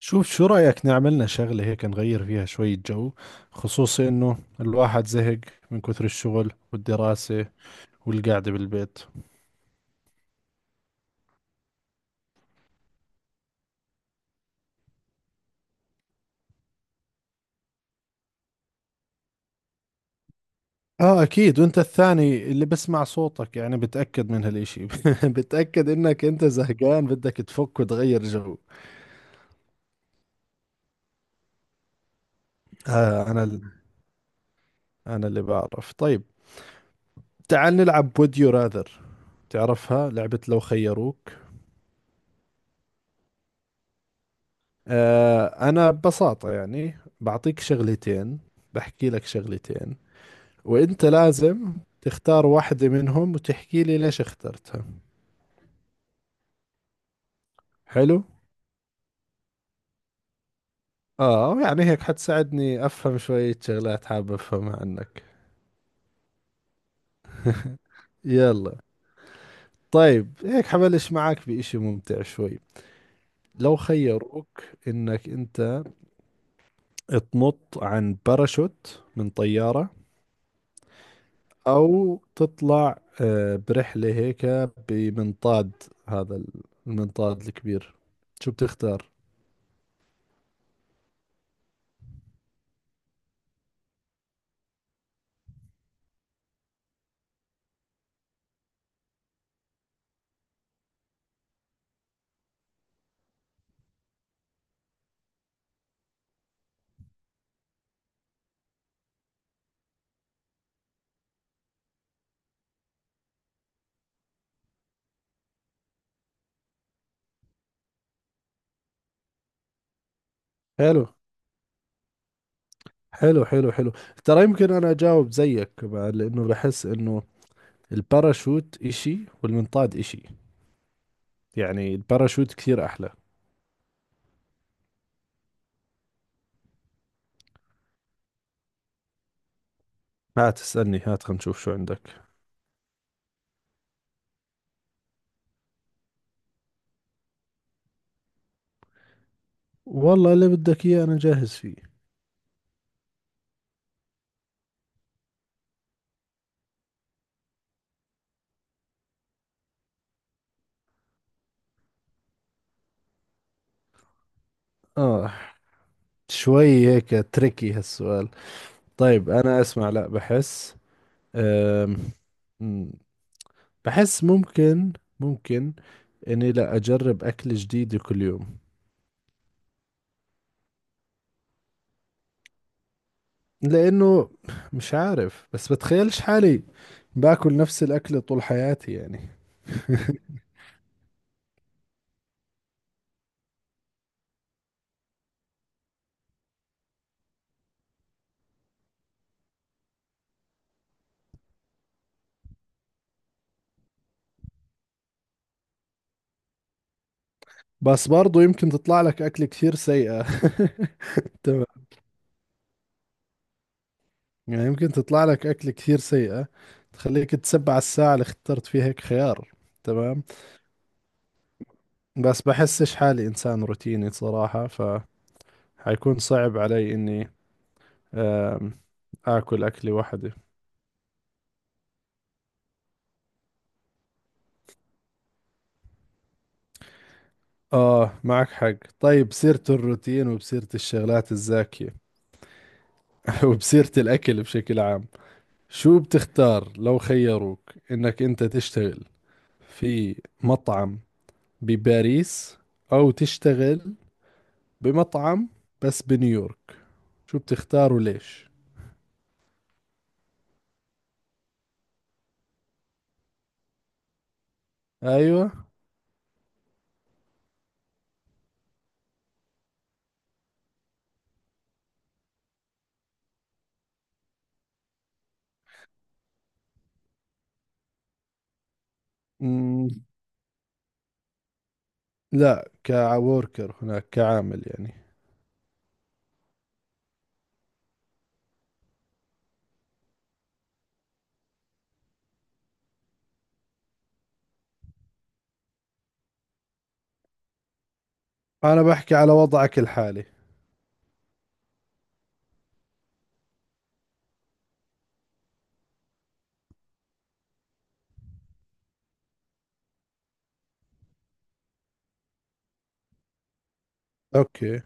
شوف، شو رأيك نعملنا شغلة هيك نغير فيها شوية جو؟ خصوصي إنه الواحد زهق من كثر الشغل والدراسة والقعدة بالبيت. آه أكيد، وأنت الثاني اللي بسمع صوتك يعني بتأكد من هالإشي بتأكد إنك أنت زهقان بدك تفك وتغير جو. آه أنا ال- أنا اللي بعرف. طيب، تعال نلعب Would You Rather، تعرفها لعبة لو خيروك. آه أنا ببساطة يعني بعطيك شغلتين، بحكي لك شغلتين، وانت لازم تختار واحدة منهم وتحكي لي ليش اخترتها. حلو، اه يعني هيك حتساعدني افهم شوية شغلات حابب افهمها عنك. يلا، طيب هيك حبلش معك بإشي ممتع شوي. لو خيروك انك انت تنط عن باراشوت من طيارة، او تطلع برحلة هيك بمنطاد، هذا المنطاد الكبير، شو بتختار؟ حلو حلو حلو حلو، ترى يمكن انا اجاوب زيك بعد لانه بحس انه الباراشوت اشي والمنطاد اشي، يعني الباراشوت كثير احلى. هات اسألني، هات خلينا نشوف شو عندك. والله اللي بدك اياه انا جاهز فيه. اه، شوي هيك تريكي هالسؤال. طيب انا اسمع، لا بحس أم... مم، بحس ممكن، ممكن اني لا اجرب اكل جديد كل يوم. لأنه مش عارف، بس بتخيلش حالي باكل نفس الأكل طول حياتي يعني. بس برضو يمكن تطلع لك أكل كثير سيئة. تمام يعني، يمكن تطلع لك أكل كثير سيئة تخليك تسبع الساعة اللي اخترت فيها هيك خيار. تمام. بس بحسش حالي إنسان روتيني صراحة، فحيكون صعب علي إني آم، آكل أكلي وحدي. آه معك حق، طيب سيرة الروتين وبسيرة الشغلات الزاكية وبسيرة الأكل بشكل عام. شو بتختار لو خيروك انك انت تشتغل في مطعم بباريس، او تشتغل بمطعم بس بنيويورك؟ شو بتختار وليش؟ ايوه. مم. لا كوركر هناك، كعامل يعني. انا بحكي على وضعك الحالي. اوكي.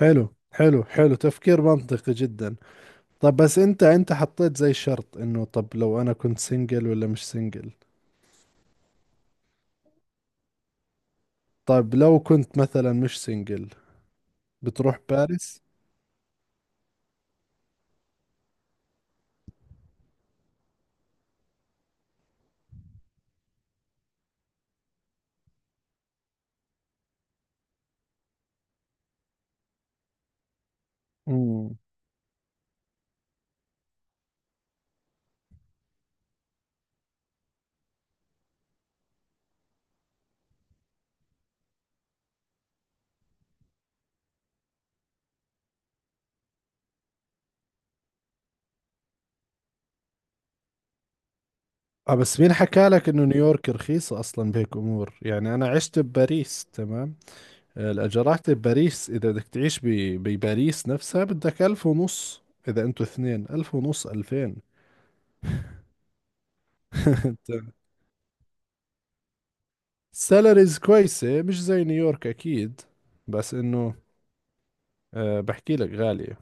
حلو حلو حلو، تفكير منطقي جدا. طب بس انت حطيت زي شرط انه، طب لو انا كنت سنجل ولا مش سنجل. طب لو كنت مثلا مش سنجل، بتروح باريس؟ مم. اه بس مين حكى لك انه نيويورك رخيصة اصلا بهيك امور؟ يعني انا عشت بباريس، تمام. الاجارات بباريس اذا بدك تعيش بباريس نفسها بدك 1500، اذا انتوا اثنين 1500 2000. سالاريز كويسة مش زي نيويورك اكيد، بس انه بحكي لك غالية.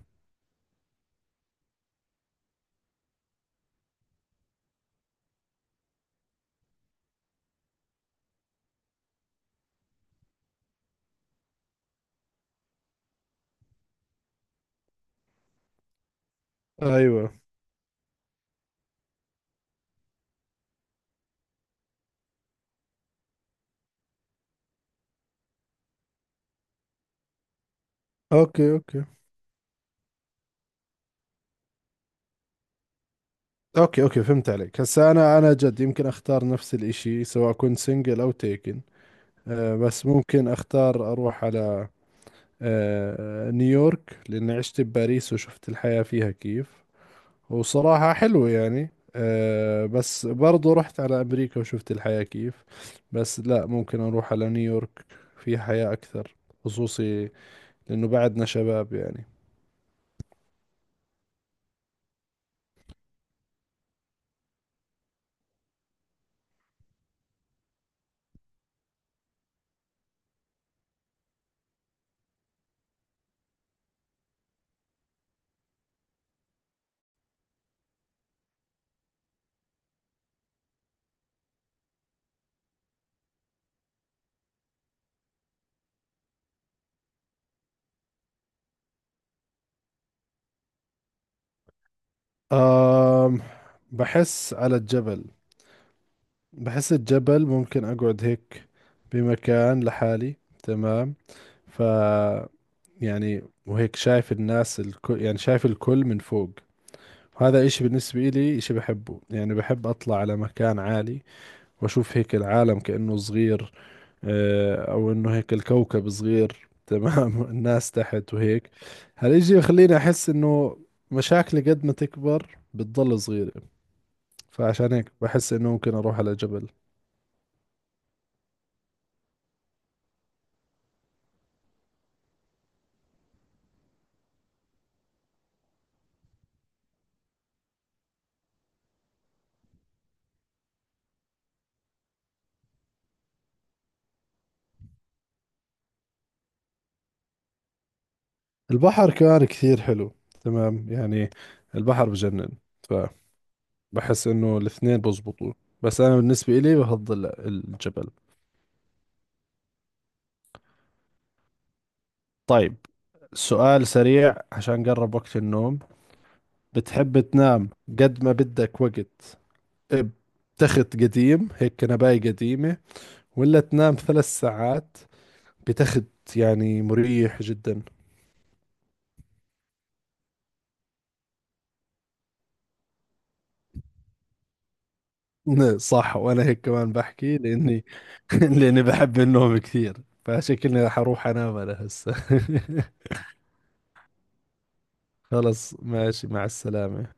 ايوه. اوكي اوكي. اوكي اوكي، فهمت عليك. هسا انا جد يمكن اختار نفس الاشي سواء كنت سنجل او تيكن. أه بس ممكن اختار اروح على نيويورك لأني عشت بباريس وشفت الحياة فيها كيف، وصراحة حلوة يعني. بس برضو رحت على أمريكا وشفت الحياة كيف، بس لا ممكن أروح على نيويورك، في حياة أكثر، خصوصي لأنه بعدنا شباب يعني. آم، بحس على الجبل، بحس الجبل ممكن أقعد هيك بمكان لحالي. تمام ف يعني، وهيك شايف الناس الكل، يعني شايف الكل من فوق. هذا إشي بالنسبة إلي إشي بحبه، يعني بحب أطلع على مكان عالي وأشوف هيك العالم كأنه صغير، أو إنه هيك الكوكب صغير تمام الناس تحت وهيك. هالإشي يخليني أحس إنه مشاكلي قد ما تكبر بتضل صغيرة، فعشان هيك بحس إنه ممكن أروح على جبل. البحر كمان كثير حلو، تمام يعني، البحر بجنن، فبحس إنه الاثنين بزبطوا، بس أنا بالنسبة إلي بفضل الجبل. طيب، سؤال سريع عشان قرب وقت النوم. بتحب تنام قد ما بدك وقت بتخت قديم هيك، كنباية قديمة، ولا تنام 3 ساعات بتخت يعني مريح جدا؟ صح، وانا هيك كمان بحكي لاني لاني بحب النوم كثير، فشكلني رح اروح انام انا هسه. خلص، ماشي، مع السلامة.